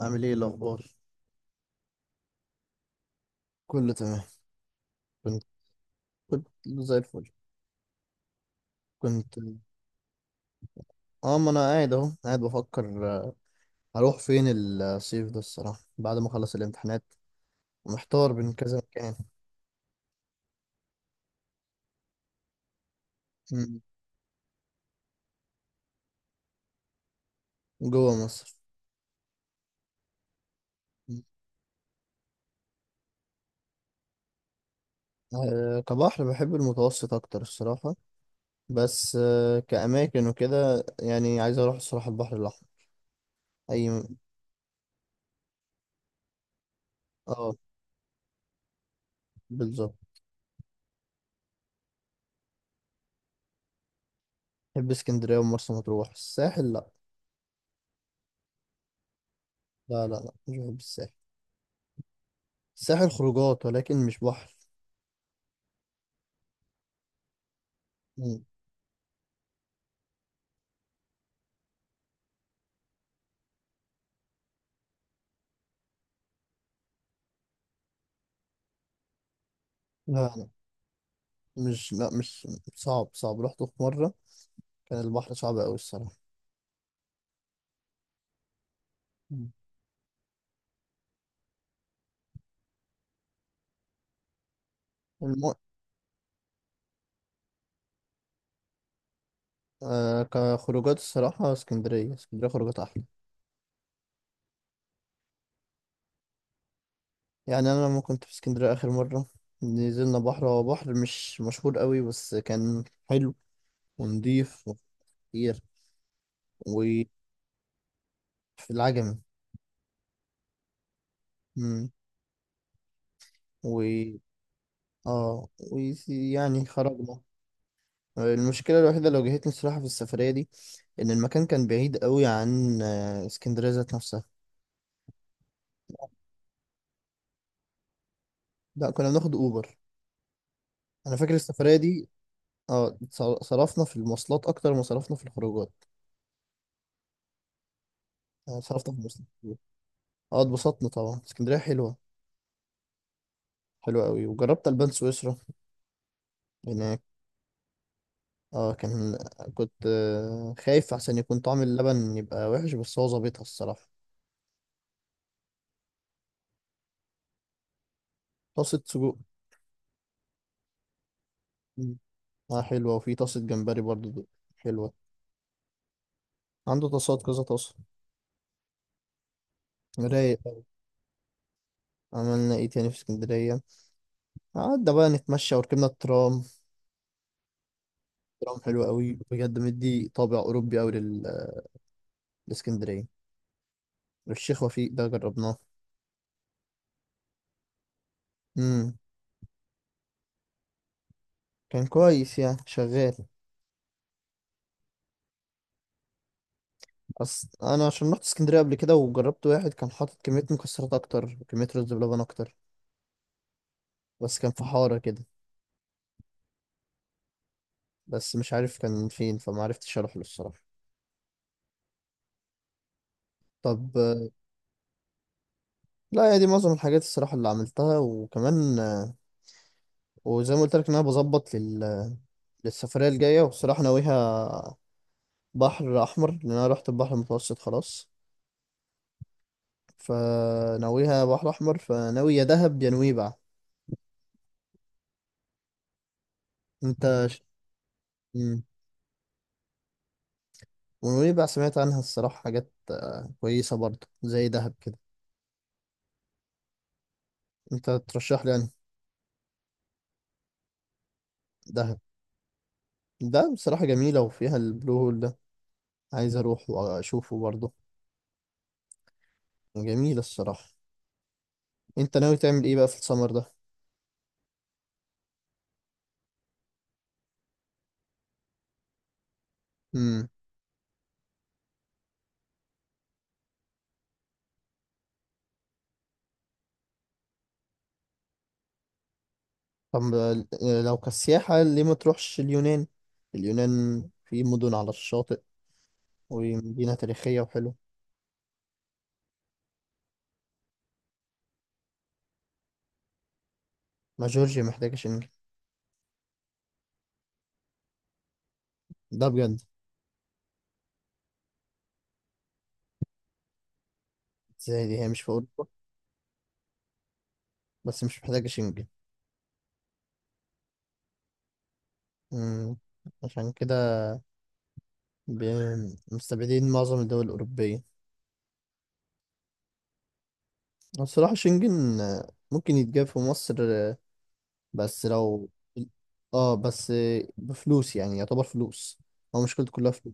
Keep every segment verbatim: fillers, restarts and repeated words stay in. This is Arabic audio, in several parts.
عامل ايه الاخبار؟ كله تمام. كنت كنت زي الفل. كنت اه ما انا قاعد اهو قاعد بفكر آه، هروح فين الصيف ده الصراحه بعد ما اخلص الامتحانات، ومحتار بين كذا مكان. مم. جوه مصر. مم. آه كبحر بحب المتوسط اكتر الصراحه. بس آه كاماكن وكده، يعني عايز اروح الصراحه البحر الاحمر. اي م- اه، بالظبط. بحب اسكندريه ومرسى مطروح. الساحل، لا. لا لا لا، مش بحب الساحل. الساحل خروجات ولكن مش بحر. مم. لا، مش لا مش صعب، صعب رحته في مرة. كان البحر صعب أوي الصراحة. مم. الم... آه كخروجات الصراحة، اسكندرية اسكندرية خروجات أحلى. يعني أنا لما كنت في اسكندرية آخر مرة نزلنا بحر، هو بحر مش مشهور أوي، بس كان حلو ونضيف وكتير. وفي العجمي. مم. و اه ويعني خرجنا. المشكلة الوحيدة اللي واجهتني الصراحة في السفرية دي، إن المكان كان بعيد أوي عن آه، اسكندرية ذات نفسها. لا، كنا بناخد أوبر. انا فاكر السفريه دي. اه، صر- صرفنا في المواصلات اكتر ما صرفنا في الخروجات. يعني صرفنا في المواصلات كتير. اه، اتبسطنا طبعا. اسكندريه حلوه، حلوه قوي. وجربت البان سويسرا هناك. اه، كان كنت آه، خايف عشان يكون طعم اللبن يبقى وحش، بس هو ظابطها الصراحه. طاسه سجق. مم. اه حلوه. وفي طاسه جمبري برضو، دي حلوه. عنده طاسات كذا طاسه. رايق أوي. عملنا ايه تاني في اسكندريه؟ قعدنا بقى نتمشى وركبنا الترام. الترام حلو قوي بجد، مدي طابع اوروبي قوي لل... لاسكندريه. الشيخ وفيق ده جربناه. امم، كان كويس يعني، شغال. أصل انا عشان رحت اسكندريه قبل كده، وجربت واحد كان حاطط كميه مكسرات اكتر وكميه رز بلبن اكتر، بس كان في حاره كده. بس مش عارف كان فين، فما عرفتش اروح له الصراحه. طب آه، لا، هي دي معظم الحاجات الصراحه اللي عملتها. وكمان آه، وزي ما قلت لك، ان انا بظبط لل... للسفريه الجايه. وبصراحه ناويها بحر احمر، لان انا رحت البحر المتوسط خلاص. فناويها بحر احمر، فناوي يا دهب يا نويبع. انت ش... مم. ونويبع سمعت عنها الصراحة حاجات آه، كويسة برضه زي دهب كده. انت ترشح لي يعني؟ دهب. دهب بصراحة جميلة، وفيها البلو هول ده، عايز اروح واشوفه برضه. جميلة الصراحة. انت ناوي تعمل ايه بقى في السمر ده؟ امم. طب آه، لو كسياحة، ليه ما تروحش اليونان؟ اليونان في مدن على الشاطئ، ومدينة تاريخية وحلوة. ما جورجيا محتاجة شنجن؟ ده بجد؟ زي دي هي مش في أوروبا، بس مش محتاجة شنجن. امم. عشان كده بي- مستبعدين معظم الدول الأوروبية. الصراحة شنجن آه، ممكن يتجاب في مصر، آه، بس لو اه، بس آه، بفلوس يعني، يعتبر فلوس. هو مشكلته كلها فلوس.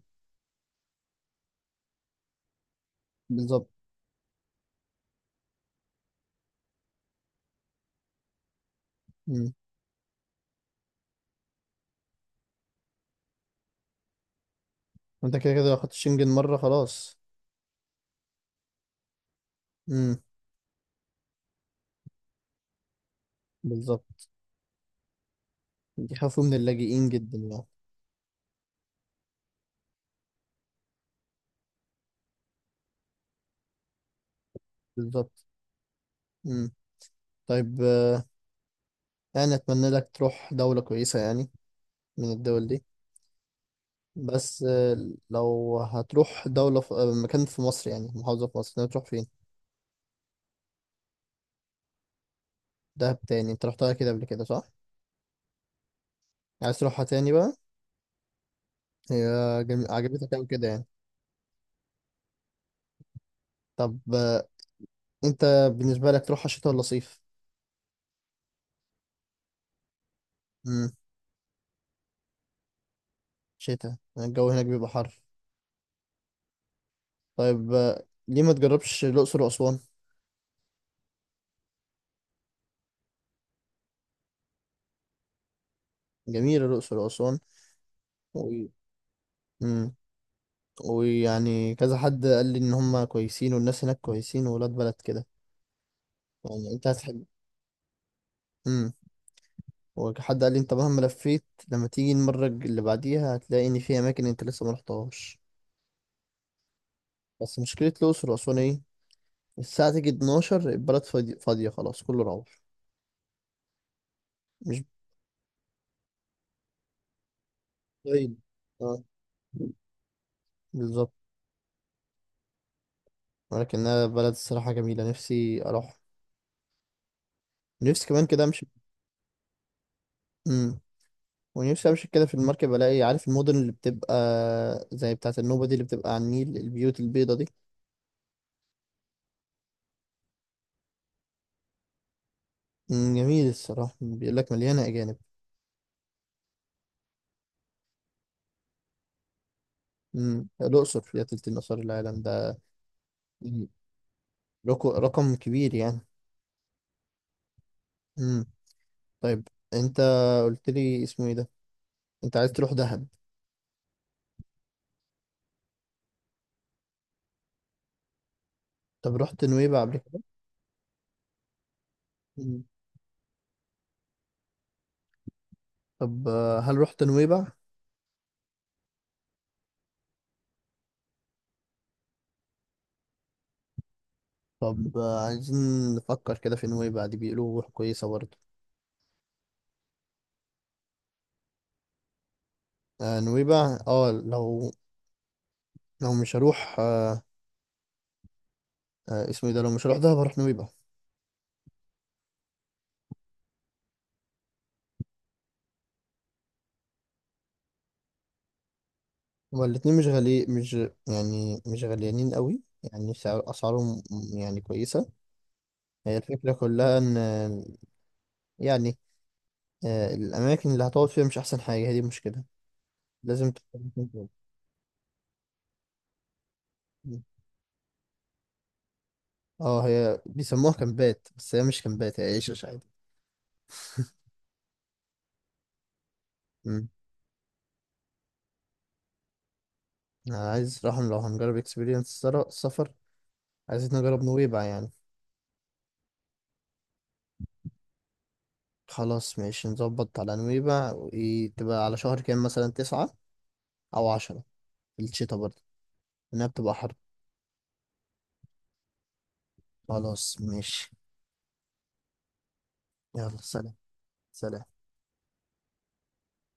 بالظبط. مم. انت كده كده لو خدت شنجن مرة خلاص. مم. بالظبط. بيخافوا من اللاجئين جدا يعني. بالظبط. مم. طيب آه، يعني أتمنى لك تروح دولة كويسة يعني من الدول دي. بس آه، لو هتروح دولة في آه، مكان في مصر، يعني محافظة في مصر، تروح فين؟ دهب تاني؟ انت رحتها كده قبل كده صح؟ عايز تروحها تاني بقى؟ هي جم... عجبتك أوي كده يعني. طب آه، انت بالنسبة لك تروحها شتاء ولا صيف؟ امم. شتاء الجو هناك بيبقى حر. طيب آه، ليه ما تجربش الأقصر وأسوان؟ جميلة الأقصر وأسوان. و... امم. ويعني كذا حد قال لي إن هما كويسين، والناس هناك كويسين وولاد بلد كده. يعني انت هتحب. امم. وحد قال لي انت مهما لفيت، لما تيجي المرة الج- اللي بعديها هتلاقي إن في أماكن انت لسه ما رحتهاش. بس مشكلة الأقصر وأسوان إيه؟ الساعة تيجي اتناشر، البلد فاضي- فاضية خلاص، كله روح. مش بعيد. اه. بالظبط. ولكنها بلد الصراحة جميلة، نفسي أروح. نفسي كمان كده أمشي. مم. ونفسي أمشي كده في المركب، ألاقي عارف المدن اللي بتبقى زي بتاعة النوبة دي، اللي بتبقى على النيل، البيوت البيضة دي. مم. جميل الصراحة. بيقول لك مليانة أجانب. مم. الأقصر فيها تلت الآثار العالم ده. مم. رقم رقم كبير يعني. مم. طيب، أنت قلت لي اسمه إيه ده؟ أنت عايز تروح دهب. طب رحت نويبع قبل كده؟ طب آه، هل رحت نويبع؟ طب آه، عايزين نفكر كده في نويبع دي، بيقولوا روح كويسة برضه. آه، نويبع، اه، لو، لو مش هروح آه، آه، اسمه إيه ده، لو مش هروح دهب هروح نويبع. هما الاتنين مش غالي، مش يعني مش غاليانين قوي. يعني سعر أسعارهم يعني كويسة. هي الفكرة كلها إن آه، يعني آه، الأماكن اللي هتقعد فيها مش أحسن حاجة، هي دي المشكلة. لازم تختار- مكان تقعد. اه، هي بيسموها كامبات، بس هي مش كامبات، هي عيشة عادي. أنا عايز راح لو هنجرب اكسبيرينس سفر، عايزين نجرب نويبع يعني. خلاص ماشي، نظبط على نويبع، وإيه تبقى على شهر كام مثلا؟ تسعة أو عشرة، في الشتا برضه، لأنها بتبقى حر. خلاص ماشي. يلا سلام. سلام.